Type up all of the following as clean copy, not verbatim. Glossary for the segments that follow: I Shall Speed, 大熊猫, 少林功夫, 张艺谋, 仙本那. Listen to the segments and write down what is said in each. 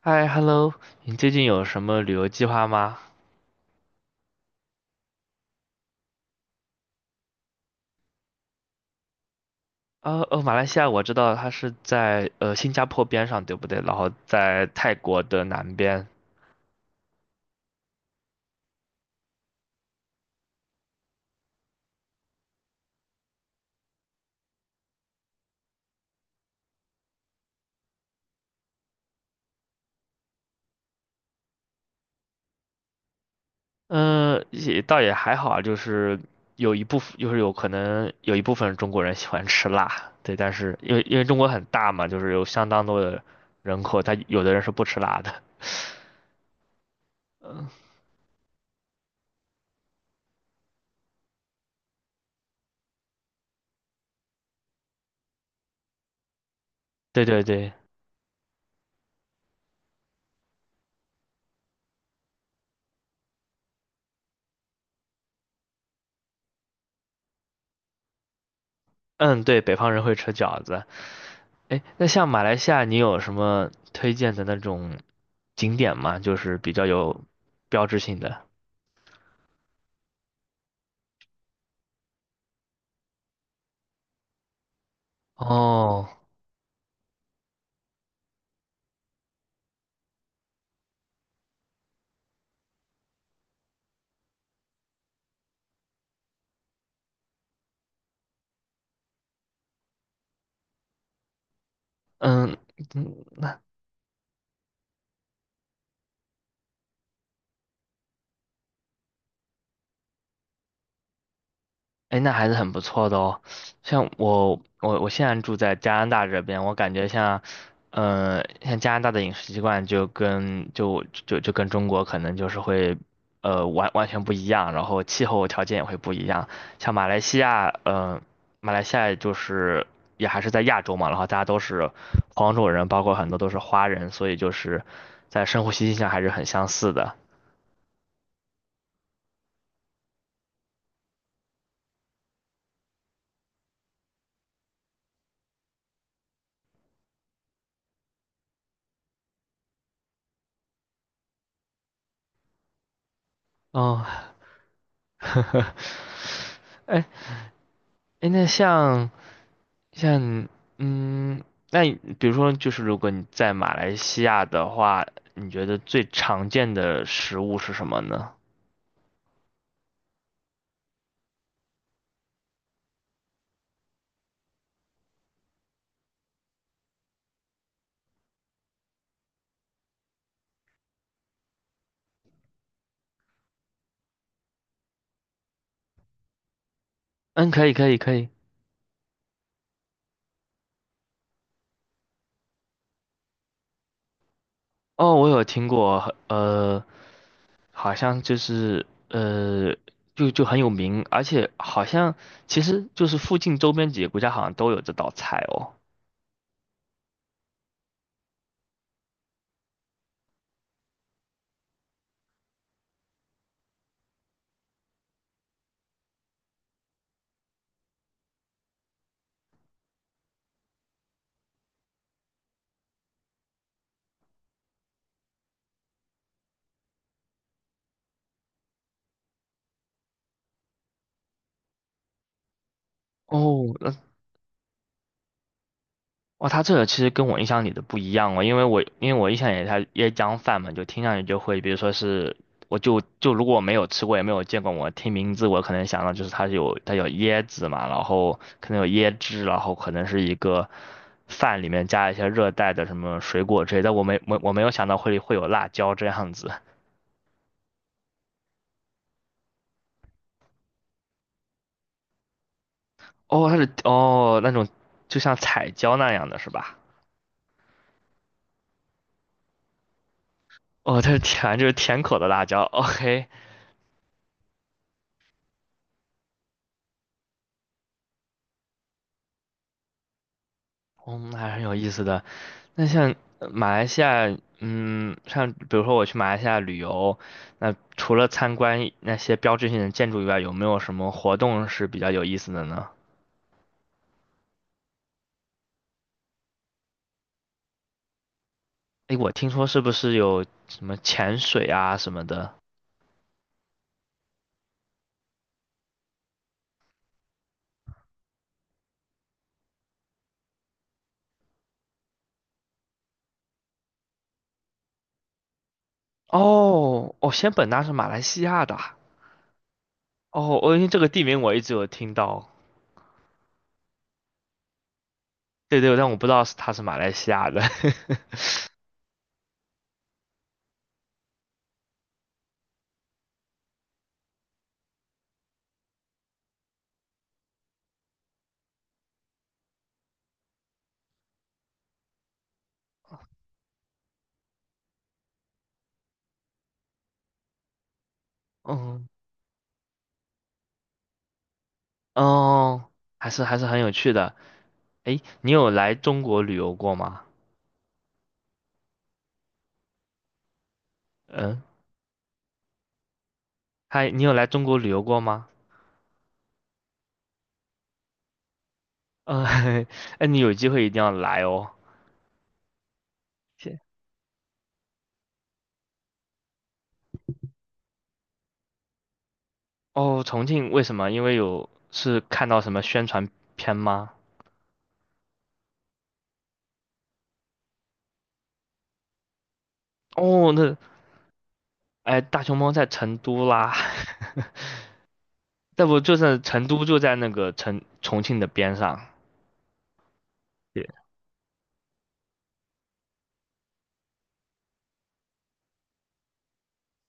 嗨，hello，你最近有什么旅游计划吗？哦哦，马来西亚我知道它是在新加坡边上，对不对？然后在泰国的南边。嗯、也倒也还好啊，就是有一部分，就是有可能有一部分中国人喜欢吃辣，对，但是因为中国很大嘛，就是有相当多的人口，他有的人是不吃辣的。嗯，对对对。嗯，对，北方人会吃饺子。哎，那像马来西亚，你有什么推荐的那种景点吗？就是比较有标志性的。哦，嗯，嗯，哎，那还是很不错的哦。像我，我我现在住在加拿大这边，我感觉像，像加拿大的饮食习惯就跟中国可能就是会，完完全不一样，然后气候条件也会不一样。像马来西亚，嗯，马来西亚就是也还是在亚洲嘛，然后大家都是黄种人，包括很多都是华人，所以就是在生活习性上还是很相似的。哦，哎，哎，那像。像嗯，那你比如说，就是如果你在马来西亚的话，你觉得最常见的食物是什么呢？嗯，可以，可以，可以。哦，我有听过，好像就很有名，而且好像其实就是附近周边几个国家好像都有这道菜哦。哦，哇，他这个其实跟我印象里的不一样哦，因为我印象里他椰浆饭嘛，就听上去就会，比如说是，我就就如果我没有吃过也没有见过，我听名字我可能想到就是它有椰子嘛，然后可能有椰汁，然后可能是一个饭里面加一些热带的什么水果之类的，但我没有想到会有辣椒这样子。哦，它是那种就像彩椒那样的是吧？哦，它是甜，就是甜口的辣椒。OK。嗯，还是很有意思的。那像马来西亚，嗯，像比如说我去马来西亚旅游，那除了参观那些标志性的建筑以外，有没有什么活动是比较有意思的呢？诶，我听说是不是有什么潜水啊什么的？哦，哦，仙本那是马来西亚的啊。哦，哦，因为这个地名我一直有听到。对对，但我不知道是它是马来西亚的。嗯，哦，还是还是很有趣的。诶，你有来中国旅游过吗？嗯。嗨，你有来中国旅游过吗？嗯，哎，你有机会一定要来哦。谢，哦，重庆为什么？因为有是看到什么宣传片吗？哦，那，哎，大熊猫在成都啦，那不就是成都就在那个成重庆的边上。对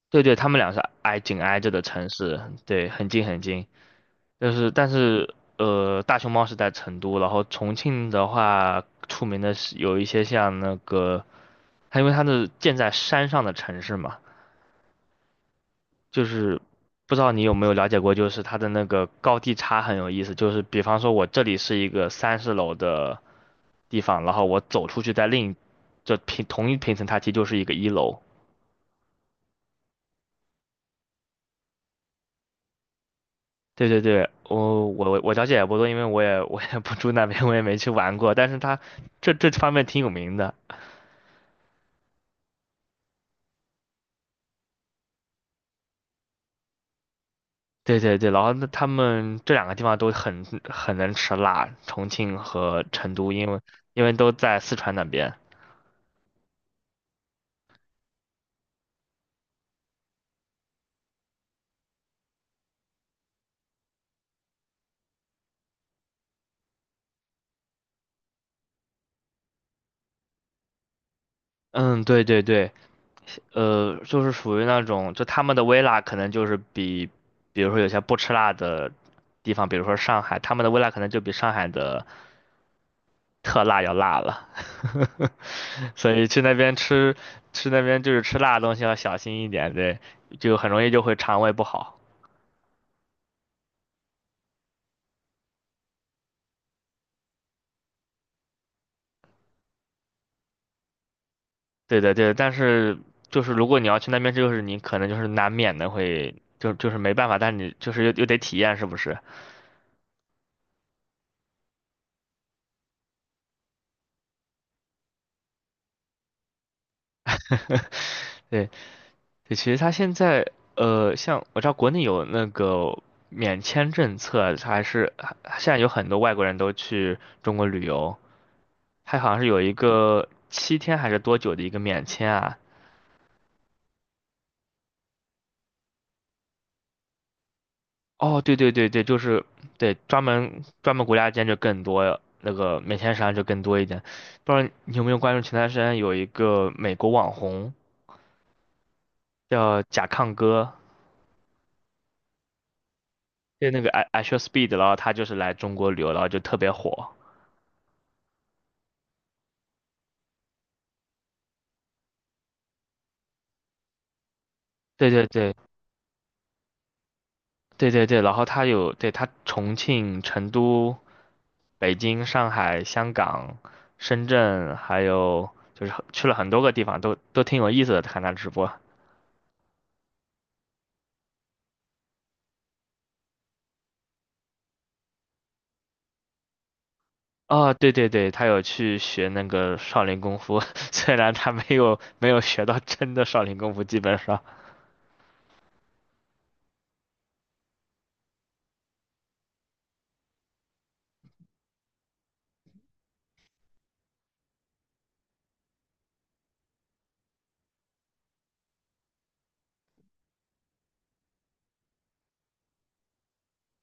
对对，他们俩是挨紧挨着的城市，对，很近很近。就是但是大熊猫是在成都，然后重庆的话，出名的是有一些像那个它因为它是建在山上的城市嘛，就是不知道你有没有了解过，就是它的那个高低差很有意思。就是比方说，我这里是一个30楼的地方，然后我走出去在另一平同一平层它其实就是一个一楼。对对对，我了解也不多，因为我也不住那边，我也没去玩过。但是它这方面挺有名的。对对对，然后那他们这两个地方都很能吃辣，重庆和成都，因为都在四川那边。嗯，对对对，就是属于那种，就他们的微辣可能就是比如说有些不吃辣的地方，比如说上海，他们的微辣可能就比上海的特辣要辣了，所以去那边吃，吃那边就是吃辣的东西要小心一点，对，就很容易就会肠胃不好。对对对，但是就是如果你要去那边，就是你可能就是难免的会，就没办法，但是你就是又得体验，是不是？对，对，其实它现在像我知道国内有那个免签政策啊，它还是还现在有很多外国人都去中国旅游，它好像是有一个7天还是多久的一个免签啊？哦，对对对对，就是对专门国家间就更多那个免签商就更多一点，不知道你有没有关注前段时间有一个美国网红叫甲亢哥，就那个 I Shall Speed,然后他就是来中国旅游，然后就特别火。对对对，对对对，然后他有，对，他重庆、成都、北京、上海、香港、深圳，还有就是去了很多个地方，都都挺有意思的。看他直播，哦，对对对，他有去学那个少林功夫，虽然他没有学到真的少林功夫，基本上，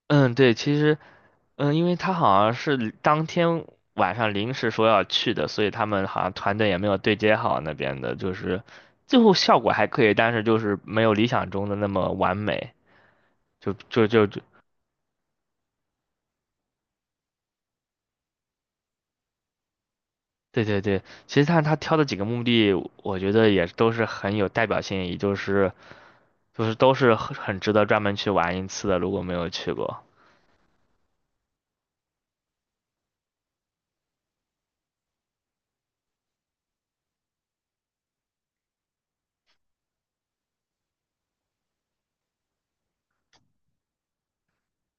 嗯，对，其实。嗯，因为他好像是当天晚上临时说要去的，所以他们好像团队也没有对接好那边的，就是最后效果还可以，但是就是没有理想中的那么完美。就就就就，对对对，其实他挑的几个目的，我觉得也都是很有代表性，也就是就是都是很值得专门去玩一次的，如果没有去过。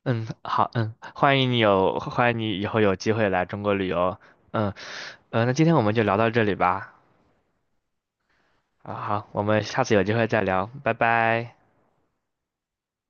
嗯，好，嗯，欢迎你以后有机会来中国旅游。嗯，呃，那今天我们就聊到这里吧。啊，好，我们下次有机会再聊，拜拜。